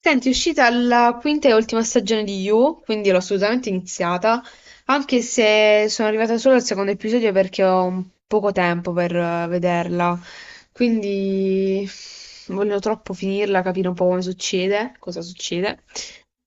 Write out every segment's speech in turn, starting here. Senti, è uscita la quinta e ultima stagione di You, quindi l'ho assolutamente iniziata, anche se sono arrivata solo al secondo episodio perché ho un poco tempo per vederla, quindi voglio troppo finirla, capire un po' come succede, cosa succede.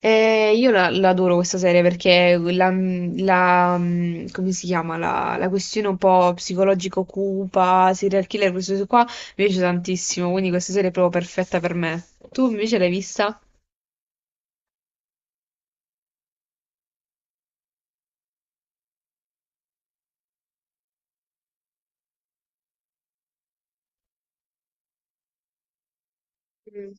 E io la adoro questa serie perché come si chiama, la questione un po' psicologico cupa, serial killer, questo qua, mi piace tantissimo, quindi questa serie è proprio perfetta per me. Tu invece l'hai vista? Mm,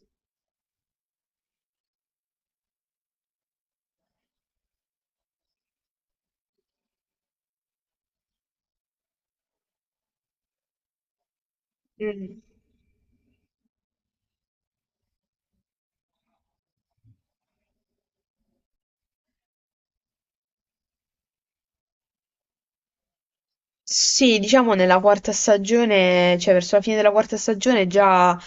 mm. Sì, diciamo nella quarta stagione, cioè verso la fine della quarta stagione già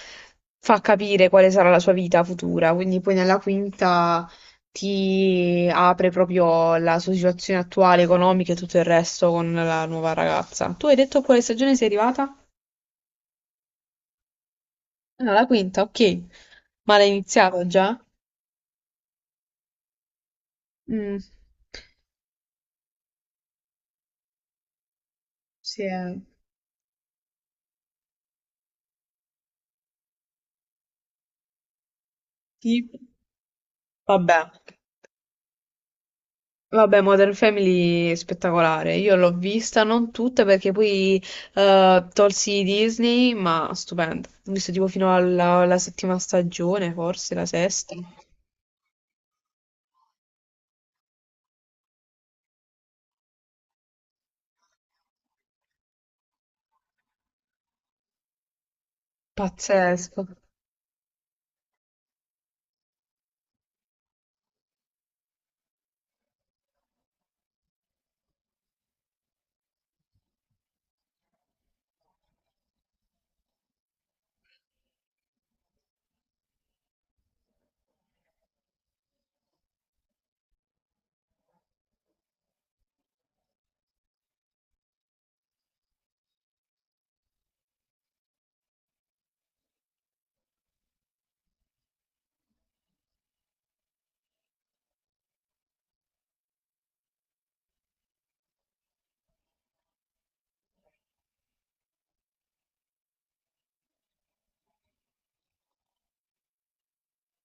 fa capire quale sarà la sua vita futura, quindi poi nella quinta ti apre proprio la sua situazione attuale, economica e tutto il resto con la nuova ragazza. Tu hai detto a quale stagione sei arrivata? Ah, la quinta, ok. Ma l'hai iniziata già? Mm. Sì, eh. Ti- Vabbè. Vabbè, Modern Family è spettacolare. Io l'ho vista, non tutta perché poi tolsi Disney, ma stupenda. Ho visto tipo fino alla settima stagione, forse la sesta. Pazzesco.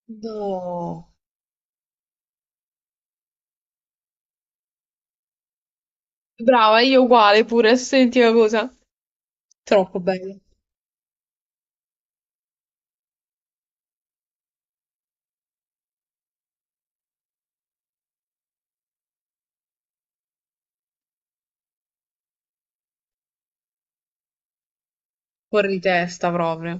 No. Brava, io uguale pure, senti una cosa. Troppo bello. Fuori di testa proprio.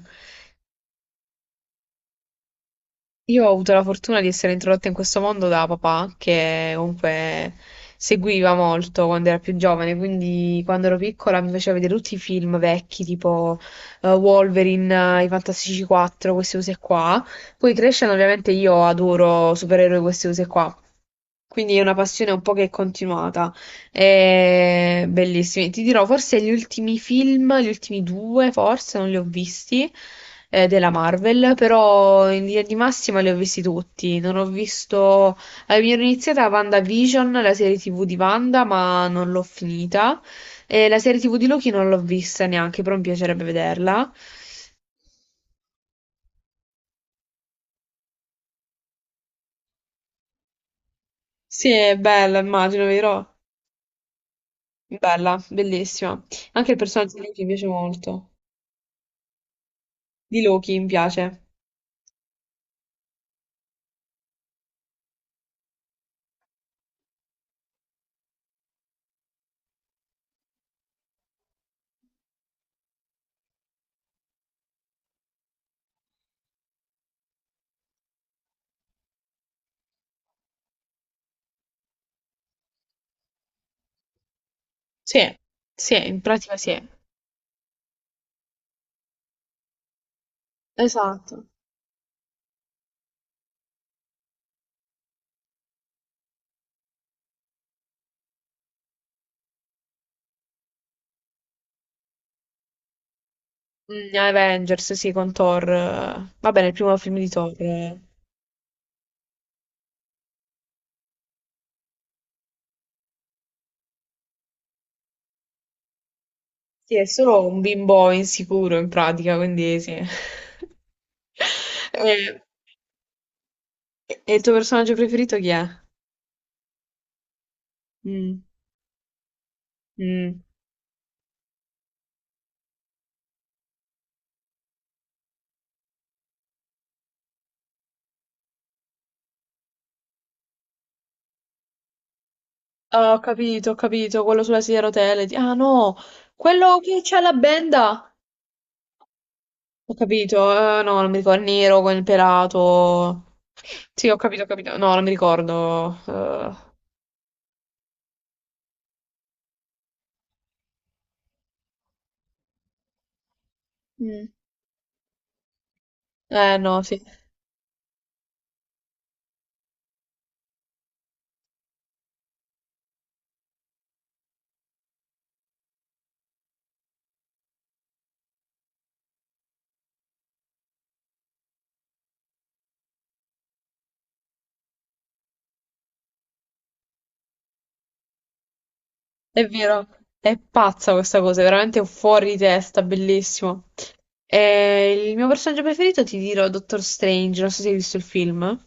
Io ho avuto la fortuna di essere introdotta in questo mondo da papà, che comunque seguiva molto quando era più giovane, quindi quando ero piccola mi faceva vedere tutti i film vecchi, tipo Wolverine, i Fantastici 4, questi cose qua. Poi crescendo ovviamente io adoro supereroi queste cose qua. Quindi è una passione un po' che è continuata. È bellissima. Ti dirò, forse gli ultimi film, gli ultimi due, forse non li ho visti, della Marvel, però in linea di massima li ho visti tutti. Non ho visto. Mi ero iniziata WandaVision, la serie TV di Wanda, ma non l'ho finita. E la serie TV di Loki non l'ho vista neanche, però mi piacerebbe vederla. Sì, è bella, immagino, vero? Bella, bellissima. Anche il personaggio di Loki mi piace molto. Di Loki, mi piace. Sì, sì, in pratica sì. Esatto. Avengers, sì, con Thor. Vabbè, nel primo film di Thor. Sì, è solo un bimbo insicuro in pratica, quindi sì. E, e il tuo personaggio preferito chi è? Mm, mm. Ah, ho capito, quello sulla sedia a rotelle. Ah no, quello che c'ha la benda. Ho capito, no, non mi ricordo, il nero con il pelato. Sì, ho capito, ho capito. No, non mi ricordo. Mm. Eh no, sì, è vero, è pazza questa cosa, è veramente fuori di testa, bellissimo. E il mio personaggio preferito ti dirò Doctor Strange, non so se hai visto il film.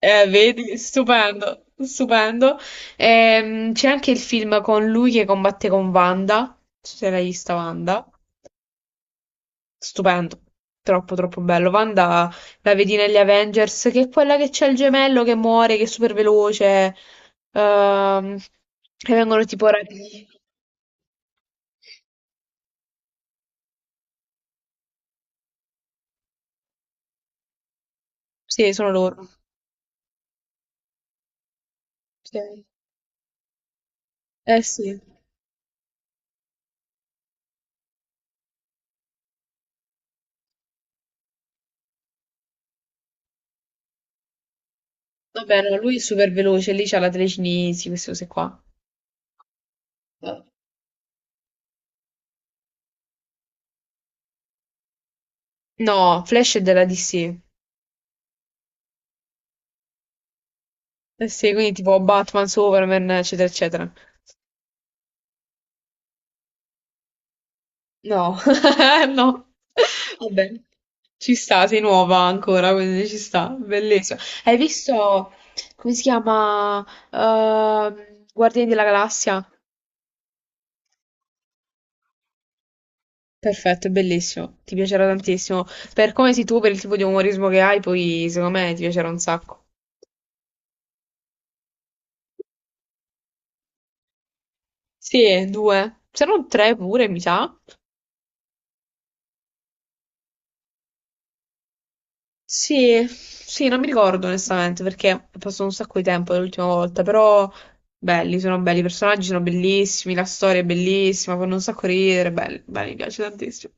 Vedi, stupendo, stupendo. C'è anche il film con lui che combatte con Wanda, non so se l'hai vista Wanda, stupendo, troppo troppo bello. Wanda la vedi negli Avengers, che è quella che c'è il gemello che muore, che è super veloce, ehm, e vengono tipo rapiti. Sì, sono loro. Sì. Eh sì. Vabbè, no, lui è super veloce, lì c'ha la telecinesi, queste cose qua. Eh, No, Flash è della DC. Eh sì, quindi tipo Batman, Superman, eccetera, eccetera. No, no. Va bene. Ci sta, sei nuova ancora, quindi ci sta. Bellissimo. Hai visto, come si chiama? Guardiani della Galassia? Perfetto, è bellissimo. Ti piacerà tantissimo. Per come sei tu, per il tipo di umorismo che hai, poi secondo me ti piacerà un sacco. Sì, due. C'erano tre pure, mi sa. Sì, sì, non mi ricordo onestamente perché è passato un sacco di tempo dall'ultima volta, però belli, sono belli, i personaggi sono bellissimi, la storia è bellissima, fanno un sacco ridere, belli, belli, mi piace tantissimo.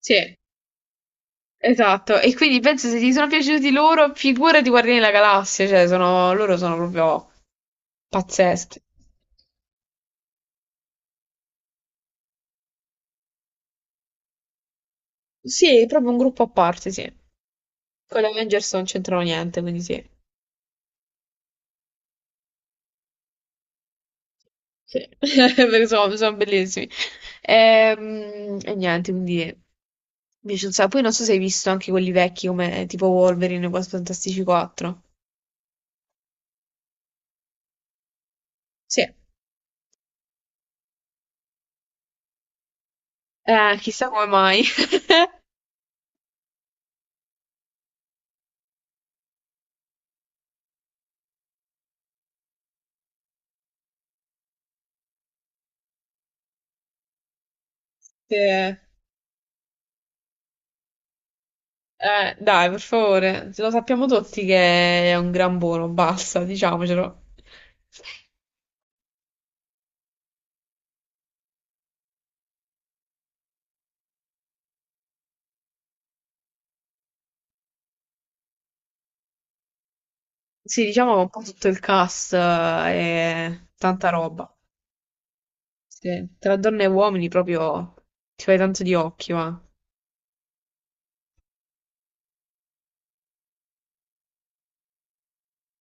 Sì, esatto. E quindi penso se ti sono piaciuti loro, figurati Guardiani della Galassia, cioè sono, loro sono proprio pazzeschi. Sì, proprio un gruppo a parte, sì. Con gli Avengers non c'entrano niente, quindi sì. Sì, perché sono, bellissimi. E, niente, quindi mi piace un sacco. Poi non so se hai visto anche quelli vecchi come tipo Wolverine e Quattro Fantastici 4. Sì. Chissà come mai. Sì. Dai, per favore, lo sappiamo tutti che è un gran buono, basta, diciamocelo. Sì, diciamo che un po' tutto il cast è tanta roba. Sì, tra donne e uomini proprio ti fai tanto di occhi, va.